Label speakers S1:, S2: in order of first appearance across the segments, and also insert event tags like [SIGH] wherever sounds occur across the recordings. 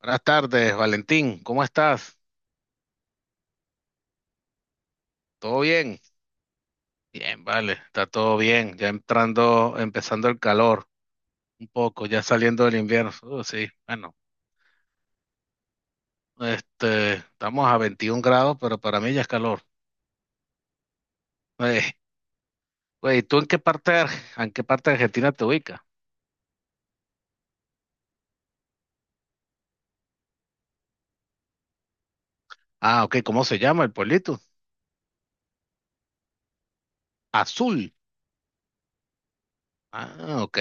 S1: Buenas tardes, Valentín. ¿Cómo estás? ¿Todo bien? Bien, vale, está todo bien. Ya entrando, empezando el calor un poco, ya saliendo del invierno. Sí, bueno, estamos a 21 grados, pero para mí ya es calor. Eh, Güey, ¿tú en qué parte, en qué parte de Argentina te ubicas? Ah, ok, ¿cómo se llama el pueblito? Azul. Ah, ok,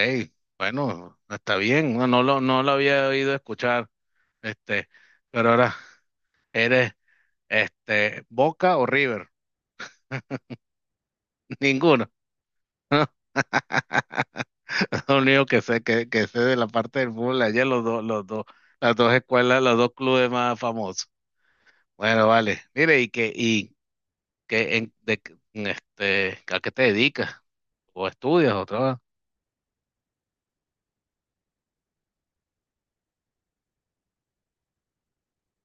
S1: bueno, está bien. No lo había oído escuchar, este, pero ahora eres Boca o River. [LAUGHS] Ninguno. Lo único que sé, que sé de la parte del fútbol allá, los dos, los dos clubes más famosos. Bueno, vale. Mire, y que en, de, en este, ¿a qué te dedicas? ¿O estudias o trabajas?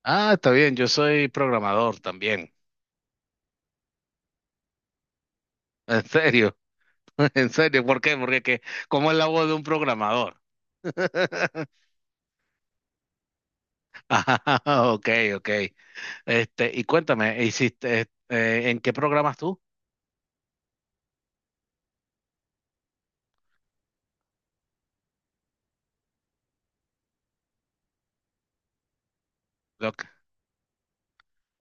S1: Ah, está bien, yo soy programador también. En serio, [LAUGHS] en serio, ¿por qué? ¿Cómo es la voz de un programador? [LAUGHS] Ah, ok, ok. Este, y cuéntame, ¿en qué programas tú? Lo que-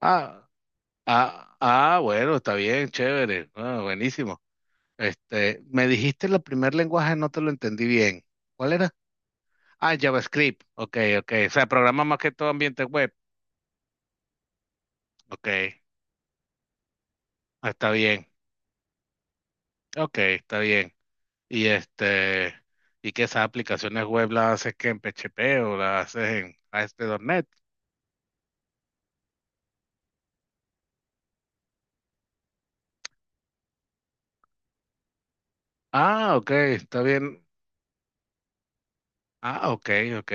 S1: ah, Ah, ah, bueno, está bien, chévere. Ah, buenísimo. Este, me dijiste el primer lenguaje, no te lo entendí bien. ¿Cuál era? Ah, JavaScript. Ok, ok. O sea, programa más que todo ambiente web. Ok, ah, está bien. Ok, está bien. Y este, y que esas aplicaciones web las haces que en PHP o las haces en a ASP.NET. Ah, ok, está bien. Ah, ok, ok,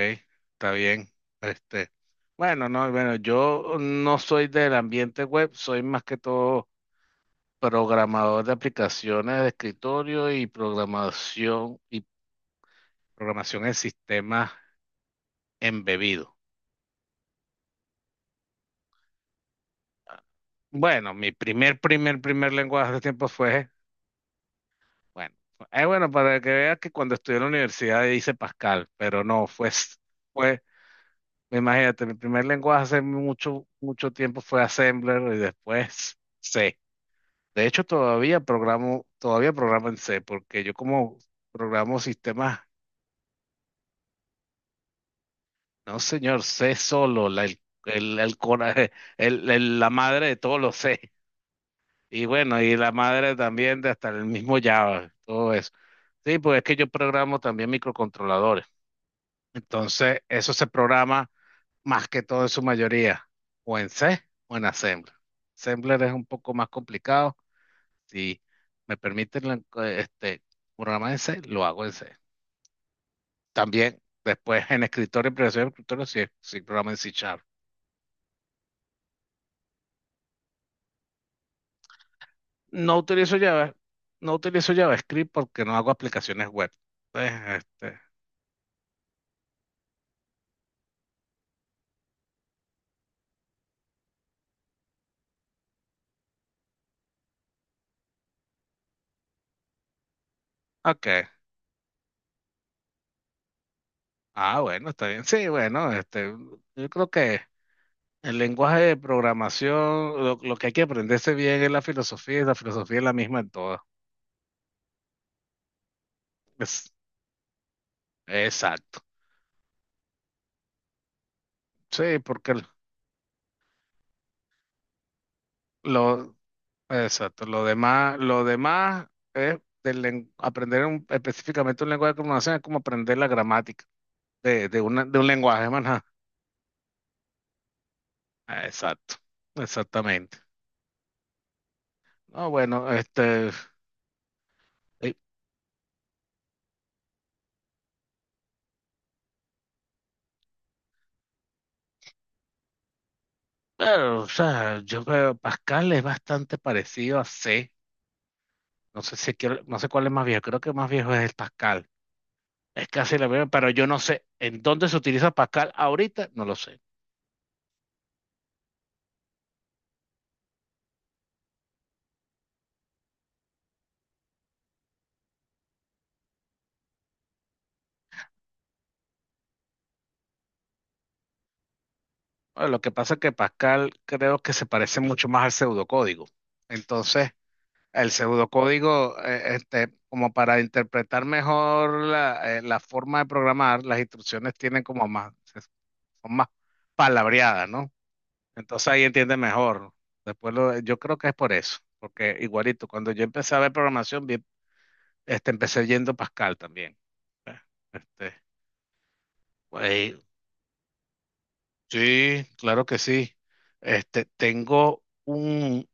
S1: está bien. Este, bueno, no, bueno, yo no soy del ambiente web, soy más que todo programador de aplicaciones de escritorio y programación en sistemas embebidos. Bueno, mi primer lenguaje de tiempo fue, bueno, bueno, para que veas que cuando estudié en la universidad hice Pascal, pero no, fue, imagínate, mi primer lenguaje hace mucho, mucho tiempo fue Assembler y después C. De hecho, todavía programo en C, porque yo como programo sistemas, no señor, C solo, la, el cora- [LAUGHS] la madre de todos los C. Y bueno, y la madre también de hasta el mismo Java, todo eso. Sí, pues es que yo programo también microcontroladores. Entonces, eso se programa más que todo en su mayoría, o en C o en Assembler. Assembler es un poco más complicado. Si me permiten la- este programa en C, lo hago en C. También después en escritorio, en creación de escritorio, sí, sí programa en C Sharp. No utilizo Java, no utilizo JavaScript porque no hago aplicaciones web. Entonces, ok. Ah, bueno, está bien. Sí, bueno, yo creo que el lenguaje de programación, lo que hay que aprenderse bien es la filosofía, y la filosofía es la misma en todas. Es- exacto. Sí, porque lo, exacto, lo demás es aprender específicamente un lenguaje de comunicación es como aprender la gramática de un lenguaje, más nada. Ah, exacto, exactamente. No, bueno, eh, pero, o sea, yo creo Pascal es bastante parecido a C. No sé cuál es más viejo, creo que más viejo es el Pascal. Es casi la misma, pero yo no sé en dónde se utiliza Pascal ahorita, no lo sé. Bueno, lo que pasa es que Pascal creo que se parece mucho más al pseudocódigo. Entonces, el pseudocódigo, como para interpretar mejor la forma de programar, las instrucciones tienen como más, son más palabreadas, ¿no? Entonces ahí entiende mejor. Yo creo que es por eso, porque igualito, cuando yo empecé a ver programación, empecé yendo Pascal también. eh, Este, Sí, claro que sí. Este, tengo un,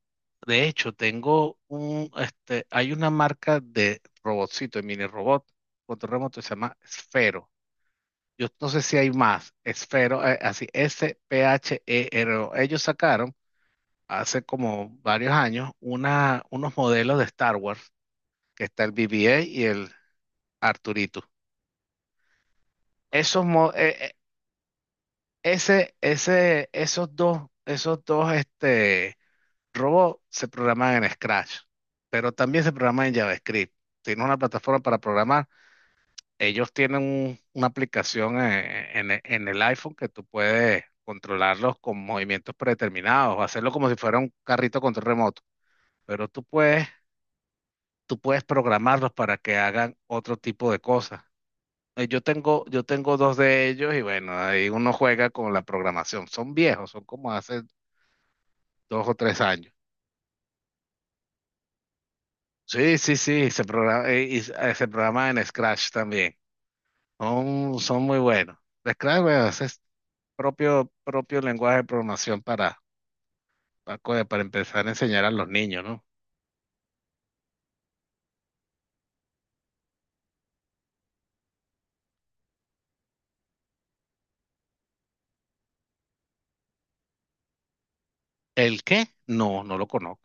S1: de hecho, hay una marca de robotcito, de mini robot, control remoto, se llama Esfero. Yo no sé si hay más, Esfero, así, Sphero. Ellos sacaron hace como varios años unos modelos de Star Wars, que está el BB-8 y el Arturito. Esos, mo- ese, ese, esos dos, esos dos Robot se programaba en Scratch, pero también se programa en JavaScript. Tiene una plataforma para programar. Ellos tienen una aplicación en el iPhone que tú puedes controlarlos con movimientos predeterminados, o hacerlo como si fuera un carrito control remoto. Pero tú puedes programarlos para que hagan otro tipo de cosas. Yo tengo dos de ellos y bueno, ahí uno juega con la programación. Son viejos, son como hace 2 o 3 años. Sí, sí, sí, se programa, se programa en Scratch también. Son muy buenos. De Scratch, bueno, ese es propio, propio lenguaje de programación para empezar a enseñar a los niños, ¿no? ¿El qué? No, no lo conozco.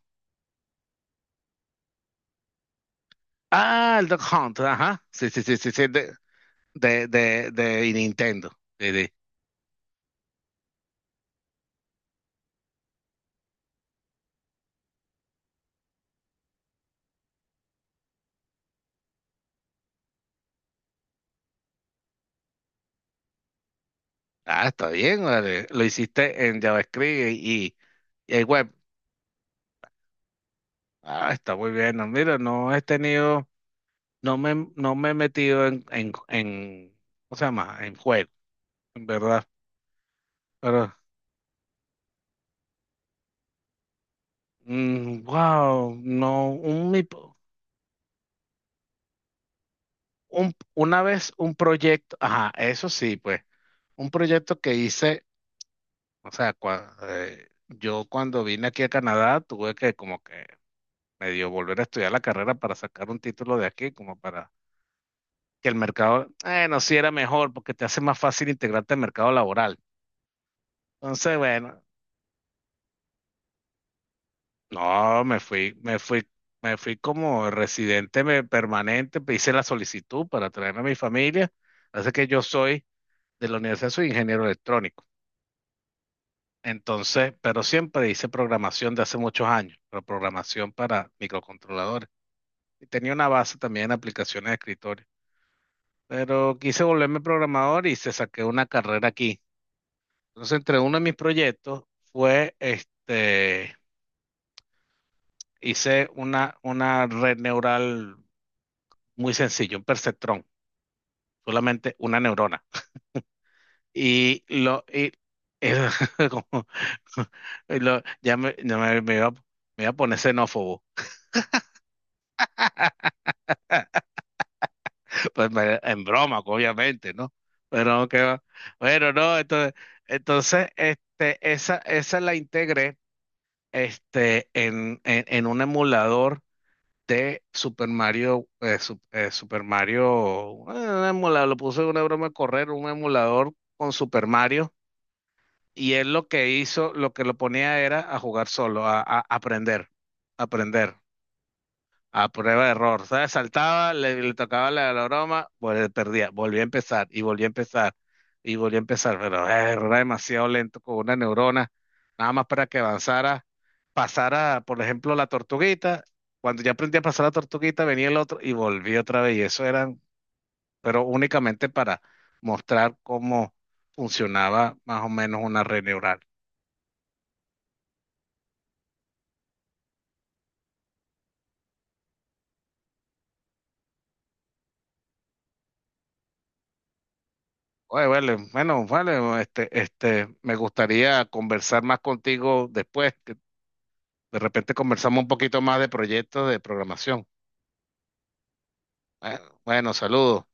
S1: Ah, el Duck Hunt, ajá. Sí, sí, sí, sí, sí, de Nintendo. Sí, sí. Ah, está bien, vale. Lo hiciste en JavaScript y web. Ah, está muy bien. No, mira, no he tenido. No me he metido en, ¿cómo se llama? En juego, en verdad. Pero, wow, no, un, mi- un- una vez un proyecto, ajá, eso sí, pues, un proyecto que hice, o sea, yo cuando vine aquí a Canadá tuve que como que medio volver a estudiar la carrera para sacar un título de aquí, como para que el mercado, no, sí era mejor, porque te hace más fácil integrarte al mercado laboral. Entonces, bueno. No, me fui como residente permanente, hice la solicitud para traerme a mi familia. Así que yo soy de la universidad, soy ingeniero electrónico. Entonces, pero siempre hice programación de hace muchos años, pero programación para microcontroladores. Y tenía una base también en aplicaciones de escritorio. Pero quise volverme programador y se saqué una carrera aquí. Entonces, entre uno de mis proyectos fue este, hice una red neural muy sencilla, un perceptrón solamente una neurona. Y lo, y, [LAUGHS] como- ya me, me iba a poner xenófobo, [LAUGHS] en broma, obviamente, ¿no? Pero que va. Bueno, no, entonces esa la integré en un emulador de Super Mario, Super Mario, un emulador, lo puse en una broma a correr, un emulador con Super Mario. Y él lo que hizo, lo que lo ponía era a jugar solo, a aprender, aprender, a prueba de error. ¿Sabes? Saltaba, le tocaba la broma, pues perdía, volvía a empezar y volvía a empezar, pero era demasiado lento con una neurona, nada más para que avanzara, pasara, por ejemplo, la tortuguita. Cuando ya aprendí a pasar la tortuguita, venía el otro y volvía otra vez. Y eso eran, pero únicamente para mostrar cómo funcionaba más o menos una red neural. Oye, vale, bueno, vale, me gustaría conversar más contigo después, que de repente conversamos un poquito más de proyectos de programación. Bueno, bueno, saludos.